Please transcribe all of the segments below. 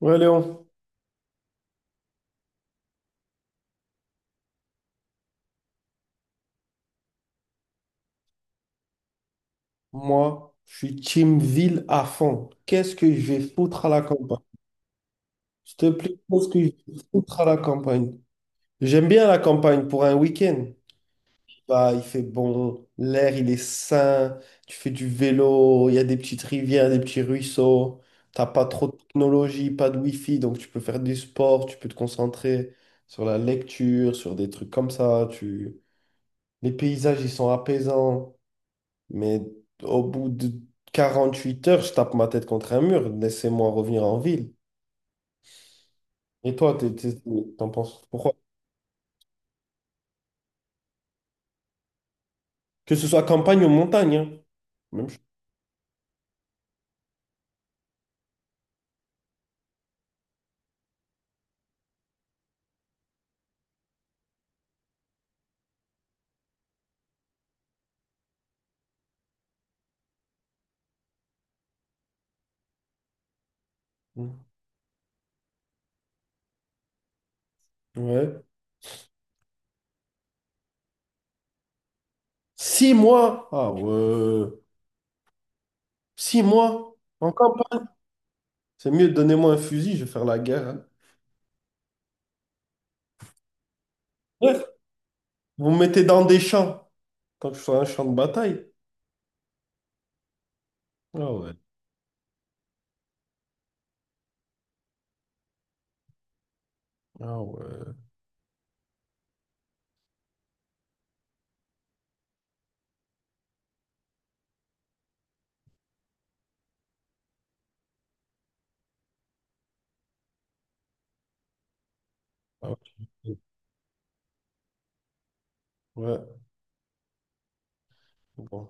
Ouais, Léon, moi, je suis team ville à fond. Qu'est-ce que je vais foutre à la campagne? Je te plaît, qu'est-ce que je vais foutre à la campagne? J'aime bien la campagne pour un week-end. Bah, il fait bon, l'air, il est sain, tu fais du vélo, il y a des petites rivières, des petits ruisseaux, t'as pas trop de technologie, pas de wifi, donc tu peux faire du sport, tu peux te concentrer sur la lecture, sur des trucs comme ça, tu... Les paysages, ils sont apaisants. Mais au bout de 48 heures, je tape ma tête contre un mur. Laissez-moi revenir en ville. Et toi, t'en penses pourquoi? Que ce soit campagne ou montagne, hein. Même chose. Ouais. 6 mois. Ah ouais. 6 mois en campagne. C'est mieux, donnez-moi un fusil, je vais faire la guerre, hein. Ouais. Vous me mettez dans des champs, tant que je sois un champ de bataille. Ah ouais. Ah ouais. Ah ouais. Ouais. Bon.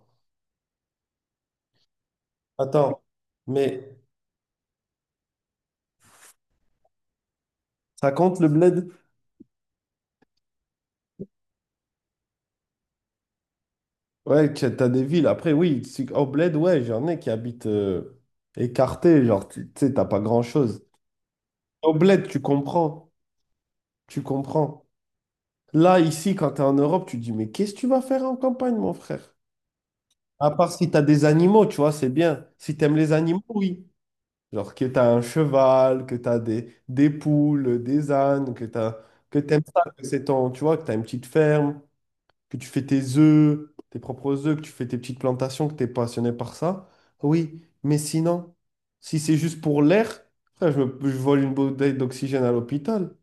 Attends, mais ça compte le bled? Ouais, t'as des villes. Après, oui, au bled, ouais, j'en ai qui habitent écartés. Genre, tu sais, t'as pas grand-chose. Au bled, tu comprends. Tu comprends. Là, ici, quand t'es en Europe, tu te dis, mais qu'est-ce que tu vas faire en campagne, mon frère? À part si t'as des animaux, tu vois, c'est bien. Si t'aimes les animaux, oui. Genre que t'as un cheval, que t'as des poules, des ânes, que t'as, que t'aimes ça, que c'est ton, tu vois, que t'as une petite ferme, que tu fais tes œufs, tes propres œufs, que tu fais tes petites plantations, que tu es passionné par ça, oui, mais sinon, si c'est juste pour l'air, frère, je vole une bouteille d'oxygène à l'hôpital.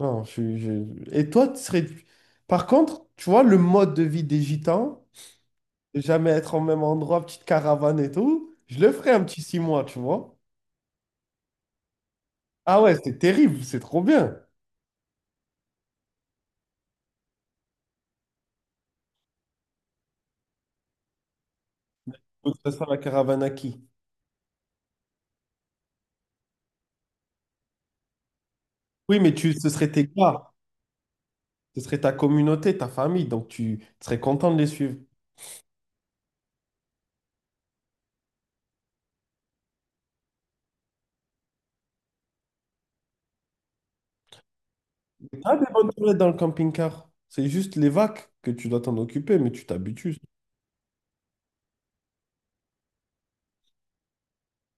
Non, Et toi, tu serais... Par contre, tu vois, le mode de vie des gitans, de jamais être au même endroit, petite caravane et tout, je le ferais un petit 6 mois, tu vois. Ah ouais, c'est terrible, c'est trop bien. Faut que ce soit la caravane à qui? Oui, mais ce serait tes gars, ce serait ta communauté, ta famille, donc tu serais content de les suivre. Ah, des bonnes toilettes dans le camping-car. C'est juste les vagues que tu dois t'en occuper, mais tu t'habitues.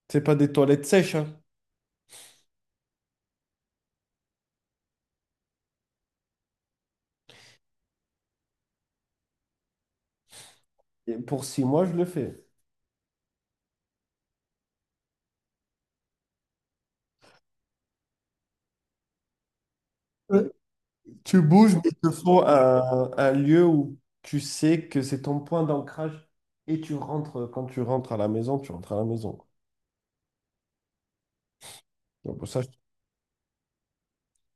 C'est pas des toilettes sèches, hein. Et pour 6 mois, je le fais. Euh, Tu bouges, mais il te faut un lieu où tu sais que c'est ton point d'ancrage et tu rentres, quand tu rentres à la maison, tu rentres à la maison, quoi. Donc, pour ça, je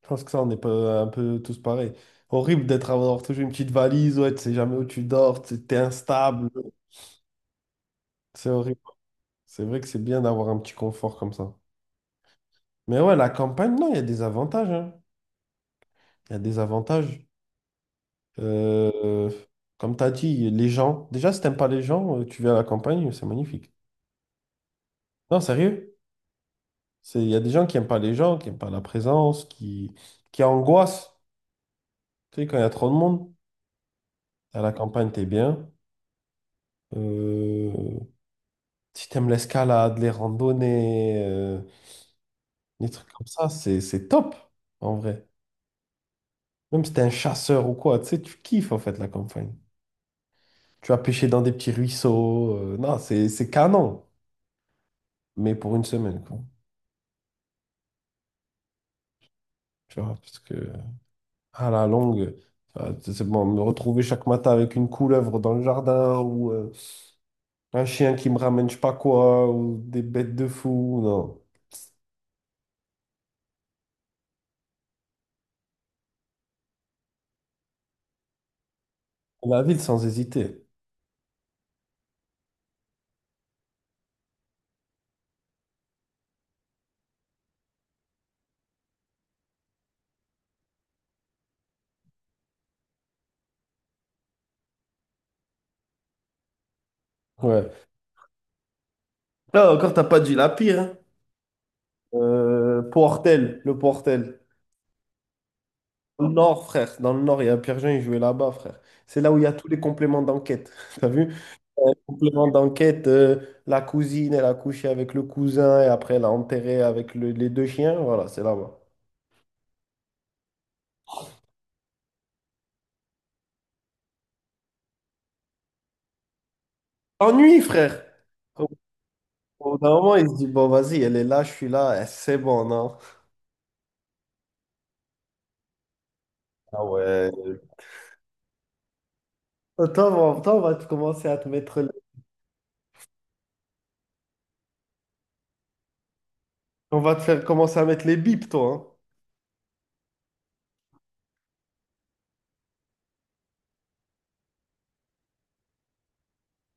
je pense que ça, on est pas un peu tous pareils. Horrible d'être avoir toujours une petite valise, ouais, tu sais jamais où tu dors, tu es instable. C'est horrible. C'est vrai que c'est bien d'avoir un petit confort comme ça. Mais ouais, la campagne, non, il y a des avantages, hein. Il y a des avantages. Euh, Comme tu as dit, les gens. Déjà, si t'aimes pas les gens, tu vis à la campagne, c'est magnifique. Non, sérieux. Il y a des gens qui aiment pas les gens, qui aiment pas la présence, qui angoissent. Tu sais, quand il y a trop de monde, à la campagne, t'es bien. Euh, Si t'aimes l'escalade, les randonnées, les trucs comme ça, c'est top, en vrai. Même si t'es un chasseur ou quoi, tu sais, tu kiffes, en fait, la campagne. Tu vas pêcher dans des petits ruisseaux. Non, c'est canon, mais pour une semaine, quoi. Tu vois, parce que à la longue, c'est bon, me retrouver chaque matin avec une couleuvre dans le jardin ou un chien qui me ramène je sais pas quoi ou des bêtes de fou, non. La ville sans hésiter. Ouais. Là encore, t'as pas dit la pire, hein. Portel, le Portel. Dans le nord, frère. Dans le nord, il y a Pierre-Jean, il jouait là-bas, frère. C'est là où il y a tous les compléments d'enquête. T'as vu? Un complément d'enquête, la cousine, elle a couché avec le cousin et après elle a enterré avec les 2 chiens. Voilà, c'est là-bas. Ennui, frère. Au bout d'un moment, il se dit, bon, vas-y, elle est là, je suis là, eh, c'est bon, non? Ah ouais. Toi, on va te commencer à te mettre... On va te faire commencer à mettre les bips, toi, hein.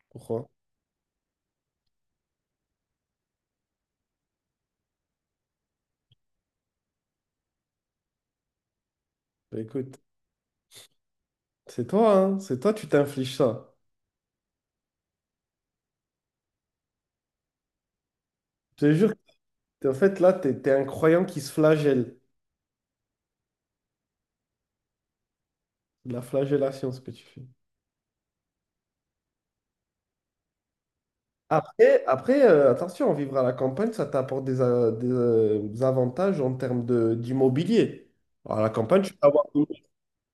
Pourquoi? Bah, écoute, c'est toi, hein. C'est toi, tu t'infliges ça. Je te jure, en fait, là, t'es un croyant qui se flagelle. De la flagellation, ce que tu fais. Après, attention, vivre à la campagne, ça t'apporte des avantages en termes d'immobilier. À la campagne,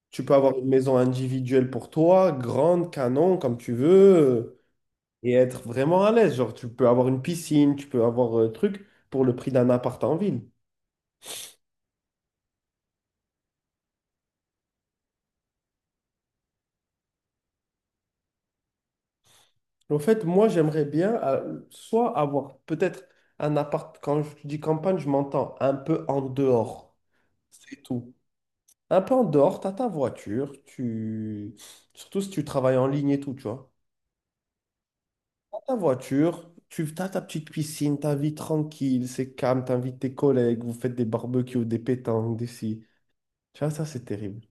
tu peux avoir une maison individuelle pour toi, grande, canon, comme tu veux, et être vraiment à l'aise. Genre, tu peux avoir une piscine, tu peux avoir un truc pour le prix d'un appart en ville. En fait, moi, j'aimerais bien soit avoir peut-être un appart, quand je dis campagne, je m'entends un peu en dehors. C'est tout. Un peu en dehors, t'as ta voiture, tu... surtout si tu travailles en ligne et tout, tu vois. T'as ta voiture, tu t'as ta petite piscine, ta vie tranquille, c'est calme, t'invites tes collègues, vous faites des barbecues, des pétanques, des ci. Tu vois, ça, c'est terrible.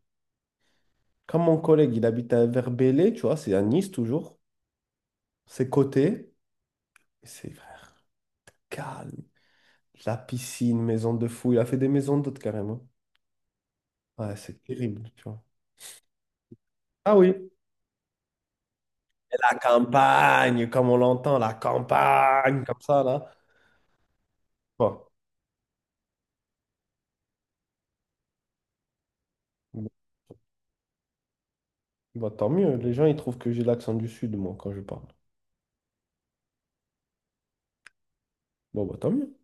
Comme mon collègue, il habite à Verbelle, tu vois, c'est à Nice toujours. C'est côté, c'est frère, calme. La piscine, maison de fou, il a fait des maisons d'hôtes carrément. Ouais, c'est terrible, tu vois. Ah oui. Et la campagne, comme on l'entend, la campagne, comme ça, là. Bon. Bon, Bah, tant mieux. Les gens, ils trouvent que j'ai l'accent du Sud, moi, quand je parle. Bon, bah, tant mieux.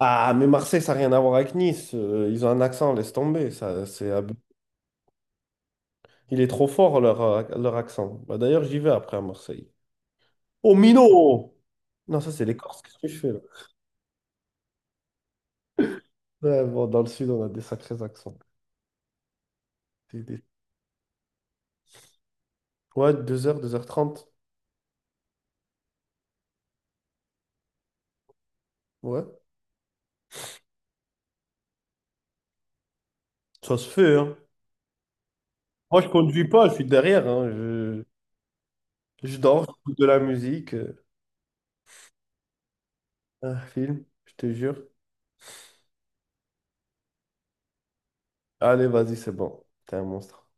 Ah, mais Marseille, ça n'a rien à voir avec Nice. Ils ont un accent, laisse tomber. Il est trop fort, leur accent. Bah, d'ailleurs, j'y vais après à Marseille. Oh, Mino! Non, ça, c'est les Corses. Qu'est-ce que je fais, là? Ouais, bon, dans le Sud, on a des sacrés accents. Des- des- Ouais, 2 heures, 2 h 30 Ouais. Ça se fait, hein. Moi, je conduis pas, je suis derrière, hein. Je dors, j'écoute de la musique, un film, je te jure. Allez, vas-y, c'est bon. T'es un monstre.